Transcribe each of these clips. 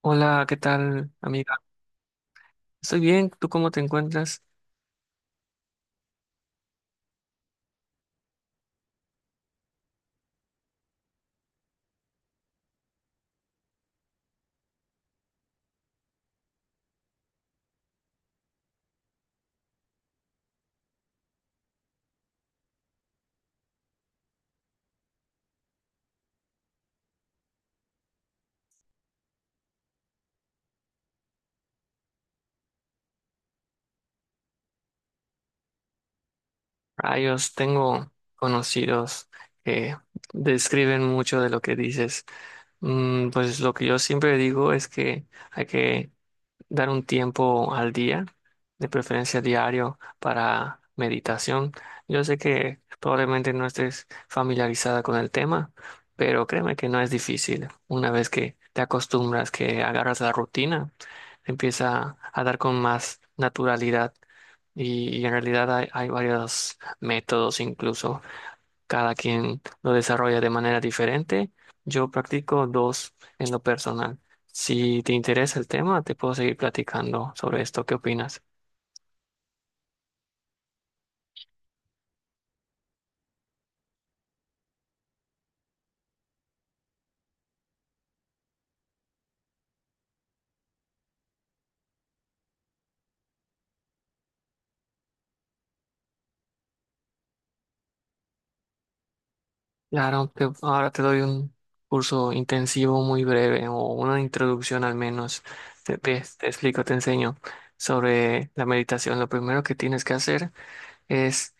Hola, ¿qué tal, amiga? Estoy bien, ¿tú cómo te encuentras? Rayos, tengo conocidos que describen mucho de lo que dices. Pues lo que yo siempre digo es que hay que dar un tiempo al día, de preferencia diario, para meditación. Yo sé que probablemente no estés familiarizada con el tema, pero créeme que no es difícil una vez que te acostumbras, que agarras la rutina. Empieza a dar con más naturalidad y en realidad hay varios métodos incluso, cada quien lo desarrolla de manera diferente. Yo practico dos en lo personal. Si te interesa el tema, te puedo seguir platicando sobre esto. ¿Qué opinas? Claro, ahora te doy un curso intensivo muy breve o una introducción al menos. Te explico, te enseño sobre la meditación. Lo primero que tienes que hacer es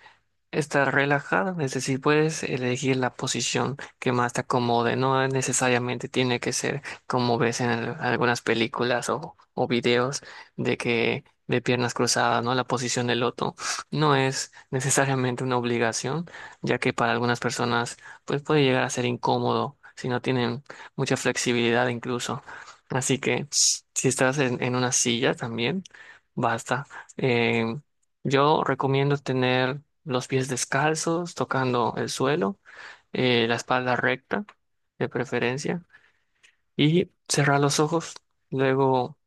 estar relajado, es decir, puedes elegir la posición que más te acomode, no necesariamente tiene que ser como ves en algunas películas o videos de piernas cruzadas, ¿no? La posición del loto no es necesariamente una obligación, ya que para algunas personas pues puede llegar a ser incómodo si no tienen mucha flexibilidad incluso. Así que si estás en una silla también, basta. eh, yo recomiendo tener los pies descalzos, tocando el suelo, la espalda recta, de preferencia, y cerrar los ojos. Luego,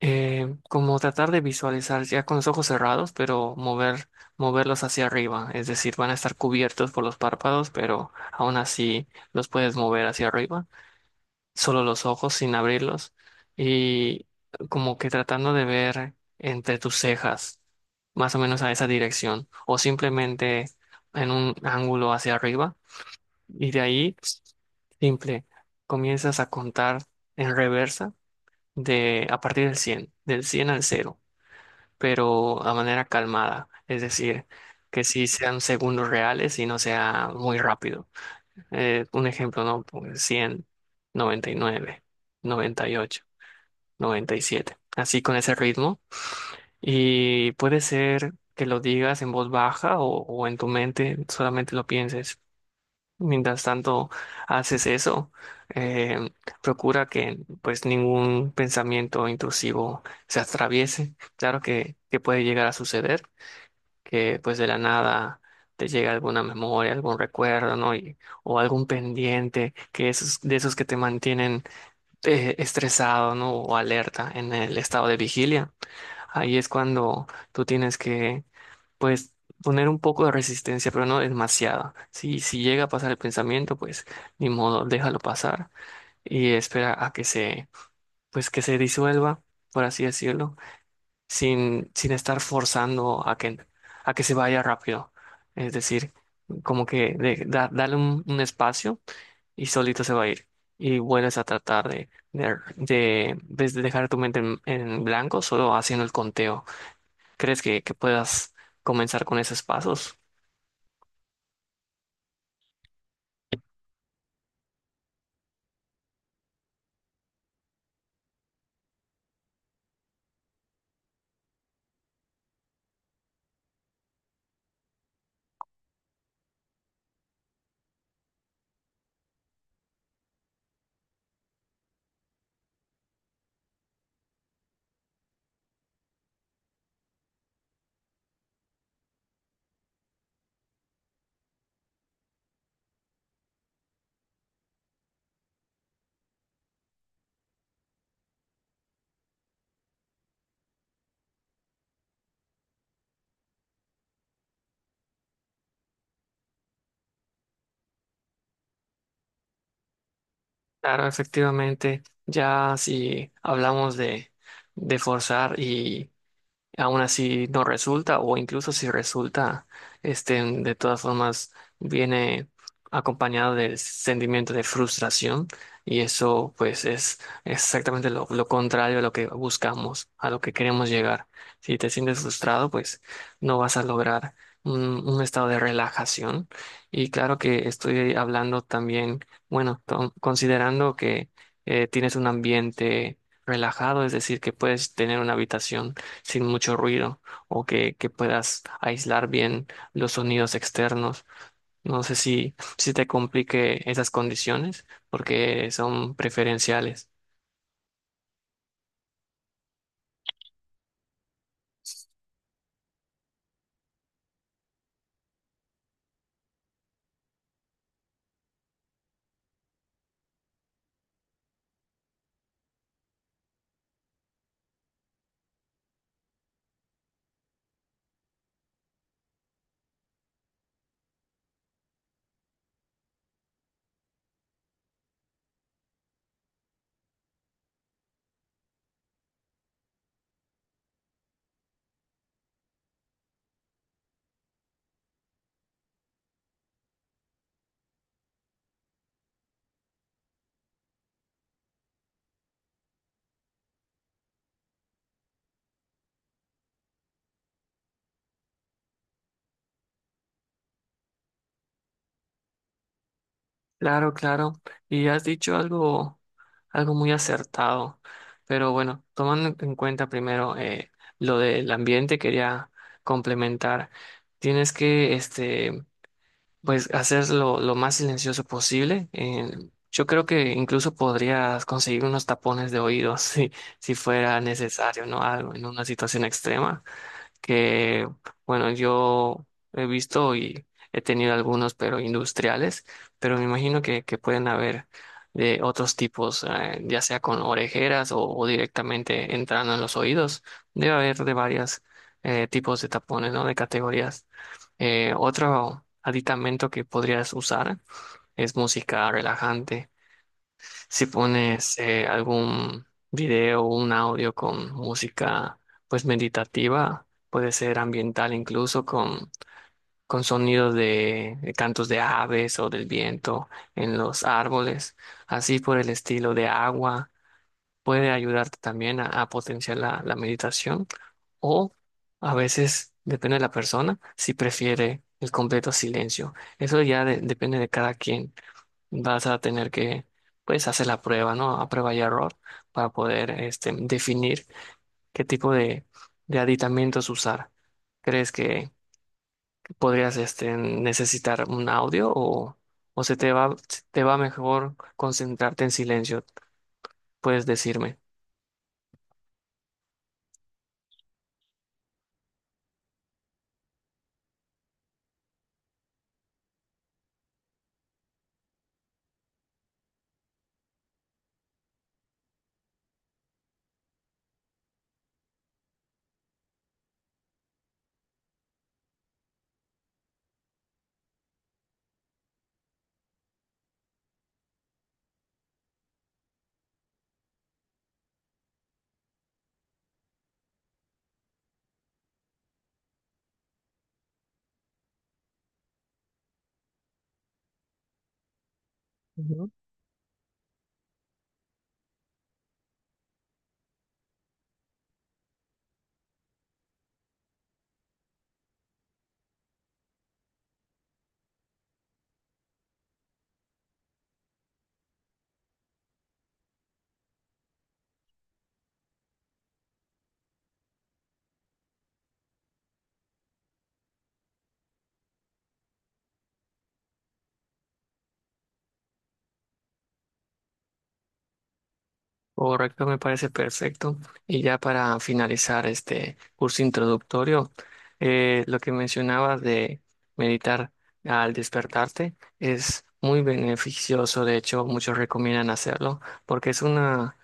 como tratar de visualizar ya con los ojos cerrados, pero moverlos hacia arriba. Es decir, van a estar cubiertos por los párpados, pero aún así los puedes mover hacia arriba, solo los ojos sin abrirlos, y como que tratando de ver entre tus cejas, más o menos a esa dirección, o simplemente en un ángulo hacia arriba, y de ahí, simple, comienzas a contar en reversa, de a partir del 100, al 0, pero a manera calmada, es decir, que sí sean segundos reales y no sea muy rápido. Un ejemplo, ¿no? Pues 100, 99, 98, 97. Así con ese ritmo. Y puede ser que lo digas en voz baja o en tu mente, solamente lo pienses. Mientras tanto haces eso, eh, procura que pues ningún pensamiento intrusivo se atraviese. Claro que puede llegar a suceder, que pues de la nada te llega alguna memoria, algún recuerdo, ¿no? Y, o algún pendiente, de esos que te mantienen estresado, ¿no? O alerta en el estado de vigilia. Ahí es cuando tú tienes que, pues, poner un poco de resistencia, pero no demasiada. Si llega a pasar el pensamiento, pues, ni modo, déjalo pasar y espera a que se, pues, que se disuelva, por así decirlo, sin estar forzando a que, se vaya rápido. Es decir, como que dale un espacio y solito se va a ir. Y vuelves a tratar de dejar tu mente en blanco, solo haciendo el conteo. ¿Crees que puedas comenzar con esos pasos? Claro, efectivamente, ya si hablamos de forzar, aún así no resulta, o incluso si resulta, este, de todas formas viene acompañado del sentimiento de frustración, y eso pues es exactamente lo contrario a lo que buscamos, a lo que queremos llegar. Si te sientes frustrado, pues no vas a lograr un estado de relajación. Y claro que estoy hablando también, bueno, considerando que tienes un ambiente relajado, es decir, que puedes tener una habitación sin mucho ruido o que puedas aislar bien los sonidos externos. No sé si te complique esas condiciones porque son preferenciales. Claro, claro. Y has dicho algo, algo muy acertado. Pero bueno, tomando en cuenta primero lo del ambiente, quería complementar. Tienes que este, pues hacerlo lo más silencioso posible. Yo creo que incluso podrías conseguir unos tapones de oídos si fuera necesario, ¿no? Algo en una situación extrema que, bueno, yo he visto y he tenido algunos, pero industriales, pero me imagino que pueden haber de otros tipos, ya sea con orejeras o directamente entrando en los oídos. Debe haber de varios tipos de tapones, ¿no? De categorías. Otro aditamento que podrías usar es música relajante. Si pones algún video o un audio con música pues meditativa, puede ser ambiental incluso con sonidos de cantos de aves o del viento en los árboles, así por el estilo de agua, puede ayudarte también a potenciar la meditación o a veces, depende de la persona, si prefiere el completo silencio. Eso ya depende de cada quien, vas a tener que, pues, hacer la prueba, ¿no? A prueba y error para poder, este, definir qué tipo de aditamentos usar. ¿Crees que podrías, este, necesitar un audio o te va mejor concentrarte en silencio? Puedes decirme. Correcto, me parece perfecto. Y ya para finalizar este curso introductorio, lo que mencionabas de meditar al despertarte es muy beneficioso. De hecho, muchos recomiendan hacerlo porque es una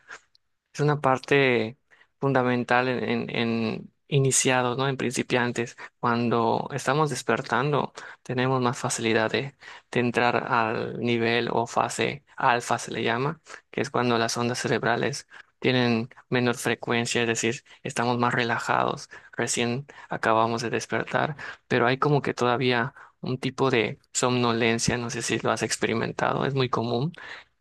es una parte fundamental en, en iniciados, ¿no? En principiantes. Cuando estamos despertando, tenemos más facilidad de entrar al nivel o fase alfa, se le llama, que es cuando las ondas cerebrales tienen menor frecuencia, es decir, estamos más relajados, recién acabamos de despertar, pero hay como que todavía un tipo de somnolencia, no sé si lo has experimentado, es muy común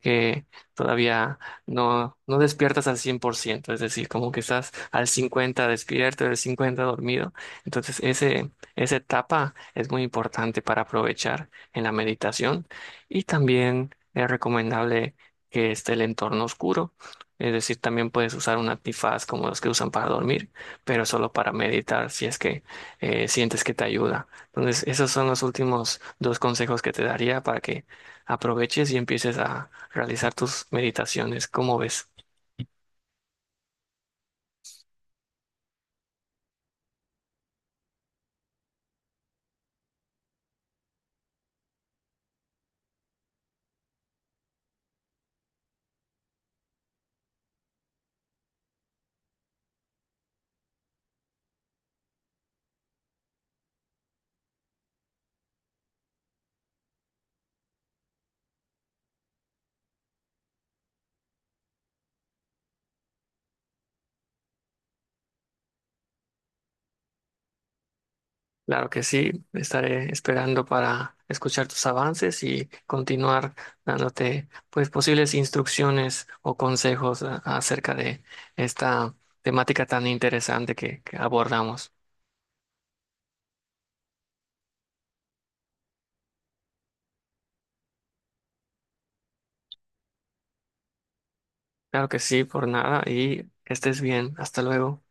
que todavía no despiertas al 100%, es decir, como que estás al 50 despierto, al 50 dormido. Entonces, esa etapa es muy importante para aprovechar en la meditación, y también es recomendable que esté el entorno oscuro. Es decir, también puedes usar un antifaz como los que usan para dormir, pero solo para meditar si es que sientes que te ayuda. Entonces, esos son los últimos dos consejos que te daría para que aproveches y empieces a realizar tus meditaciones. ¿Cómo ves? Claro que sí, estaré esperando para escuchar tus avances y continuar dándote pues posibles instrucciones o consejos acerca de esta temática tan interesante que abordamos. Claro que sí, por nada y que estés bien. Hasta luego.